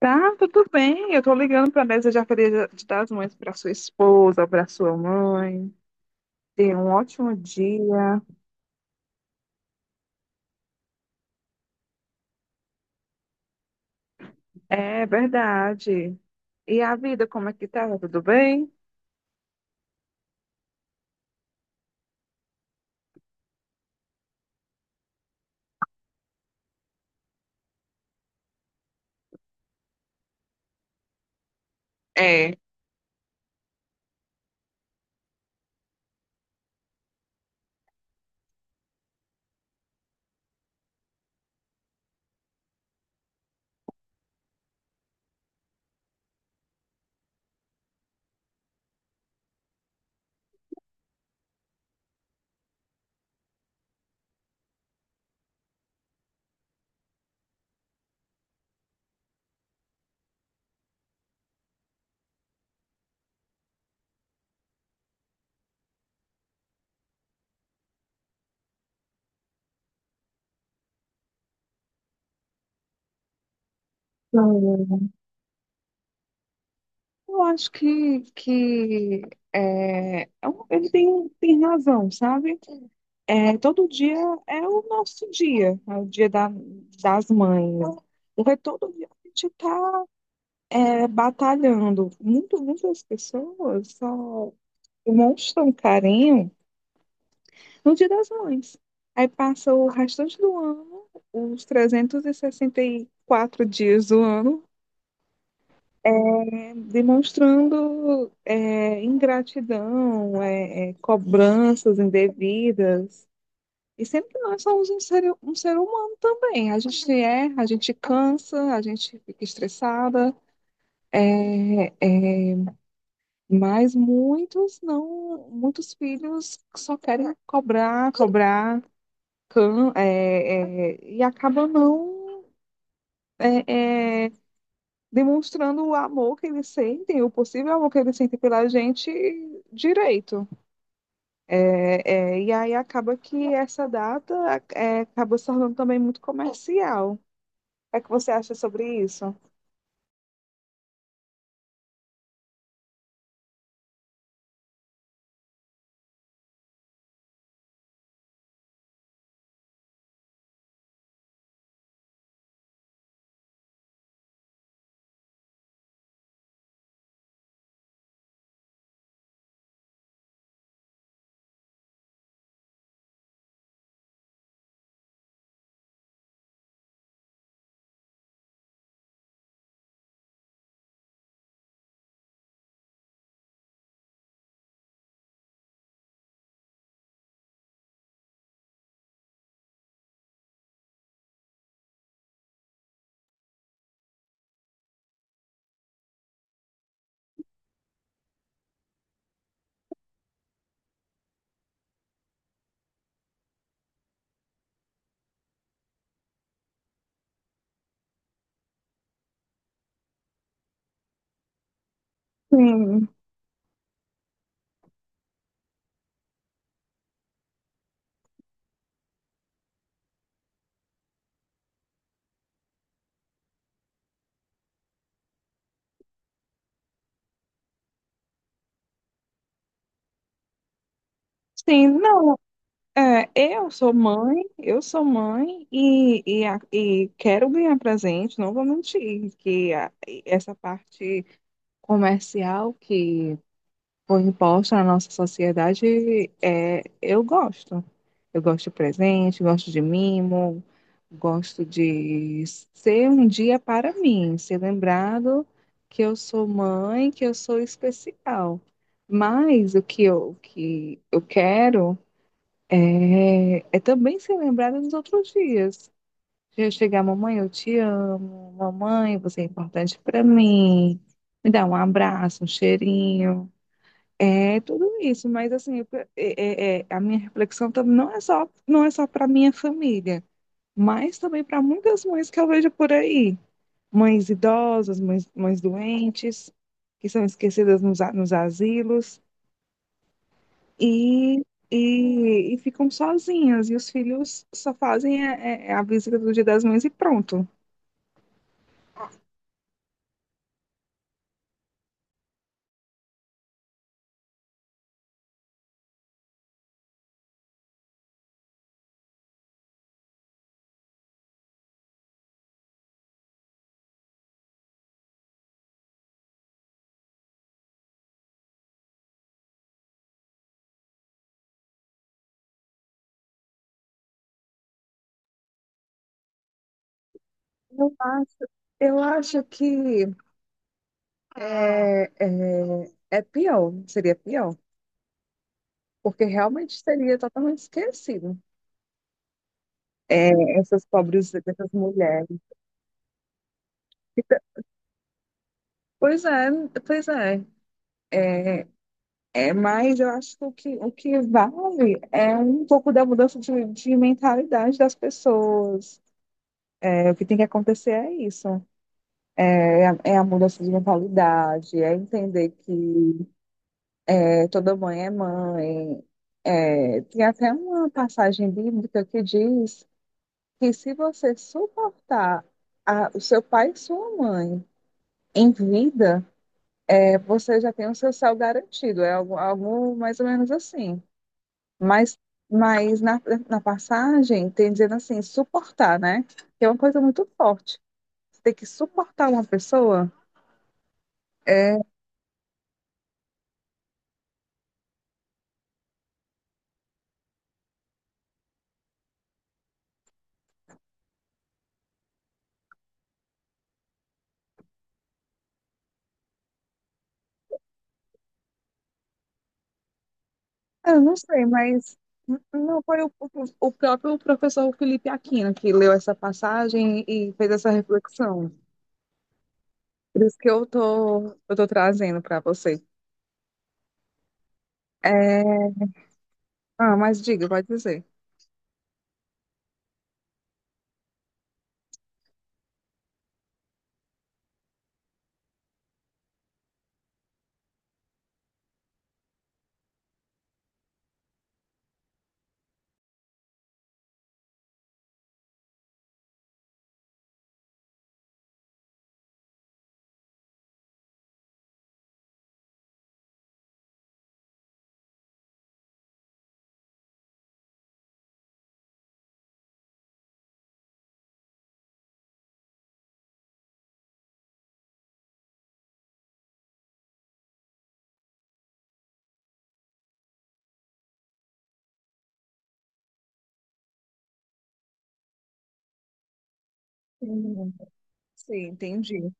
Tá, tudo bem. Eu tô ligando para desejar feliz de das mães para sua esposa, para sua mãe. Tenha um ótimo dia. É verdade. E a vida, como é que tá? Tudo bem? É. Hum, eu acho que, ele tem razão, sabe? É, todo dia é o nosso dia, é o dia das mães. Porque todo dia a gente está batalhando. Muitas pessoas só demonstra um carinho no Dia das Mães. Aí passa o restante do ano, os trezentos e sessenta e quatro dias do ano, demonstrando ingratidão, cobranças indevidas. E sempre que nós somos um ser humano também. A gente erra, a gente cansa, a gente fica estressada. É, é, mas muitos não, muitos filhos só querem cobrar, e acabam não é, é, demonstrando o amor que eles sentem, o possível amor que eles sentem pela gente direito. E aí acaba que essa data acaba se tornando também muito comercial. O que é que você acha sobre isso? Sim, sim, não. Eu sou mãe e quero ganhar presente, não vou mentir, essa parte comercial que foi imposta na nossa sociedade, é, eu gosto. Eu gosto de presente, gosto de mimo, gosto de ser um dia para mim, ser lembrado que eu sou mãe, que eu sou especial. Mas o que eu quero é também ser lembrada nos outros dias. Eu chegar, mamãe, eu te amo, mamãe, você é importante para mim, me dá um abraço, um cheirinho. É tudo isso, mas assim, eu pe- é, é- é, a minha reflexão também não é só para minha família, mas também para muitas mães que eu vejo por aí, mães idosas, mães doentes, que são esquecidas nos asilos e, e ficam sozinhas, e os filhos só fazem visita do Dia das Mães e pronto. Eu acho, eu acho que é pior, seria pior. Porque realmente seria totalmente esquecido. É, essas pobres, essas mulheres. Então, pois é, pois é. É, mas eu acho que o que vale é um pouco da mudança de mentalidade das pessoas. É, o que tem que acontecer é isso. É a mudança de mentalidade, é entender que é, toda mãe. É, tem até uma passagem bíblica que diz que se você suportar o seu pai e sua mãe em vida, é, você já tem o seu céu garantido, é algo, algo mais ou menos assim. Mas, mas na passagem, tem dizendo assim, suportar, né? Que é uma coisa muito forte. Você tem que suportar uma pessoa? Eu não sei, mas não foi o próprio professor Felipe Aquino que leu essa passagem e fez essa reflexão. Por isso que eu tô trazendo para você. É, ah, mas diga, pode dizer. Sim, sim, entendi.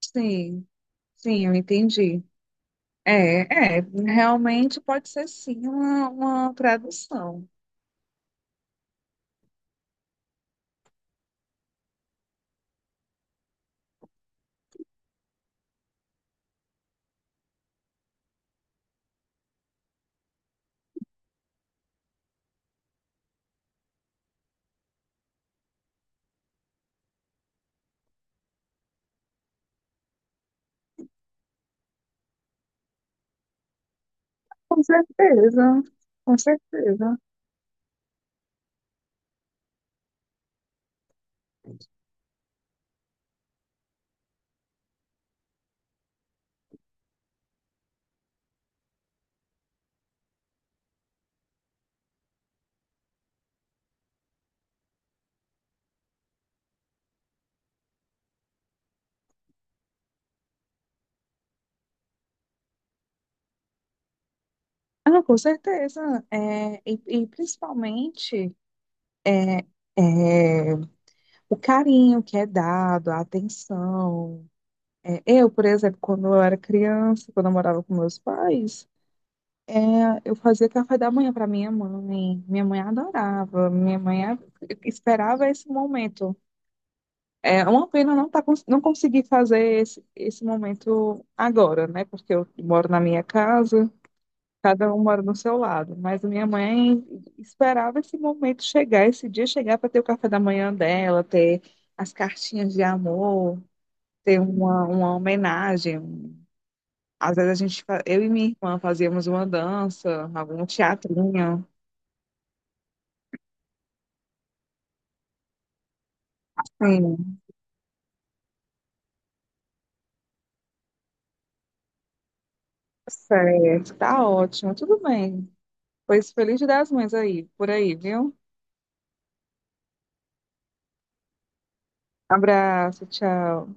Sim. Sim, eu entendi. É, é, realmente pode ser sim uma tradução. Com certeza, com certeza. Ah, com certeza. É, e principalmente é, é, o carinho que é dado, a atenção. É, eu, por exemplo, quando eu era criança, quando eu morava com meus pais, é, eu fazia café da manhã para minha mãe. Minha mãe adorava, esperava esse momento. É uma pena não conseguir fazer esse momento agora, né? Porque eu moro na minha casa, cada um mora no seu lado. Mas a minha mãe esperava esse momento chegar, esse dia chegar para ter o café da manhã dela, ter as cartinhas de amor, ter uma homenagem. Às vezes eu e minha irmã fazíamos uma dança, algum teatrinho. Sim, certo, tá ótimo, tudo bem. Pois feliz Dia das Mães aí, por aí, viu? Abraço, tchau.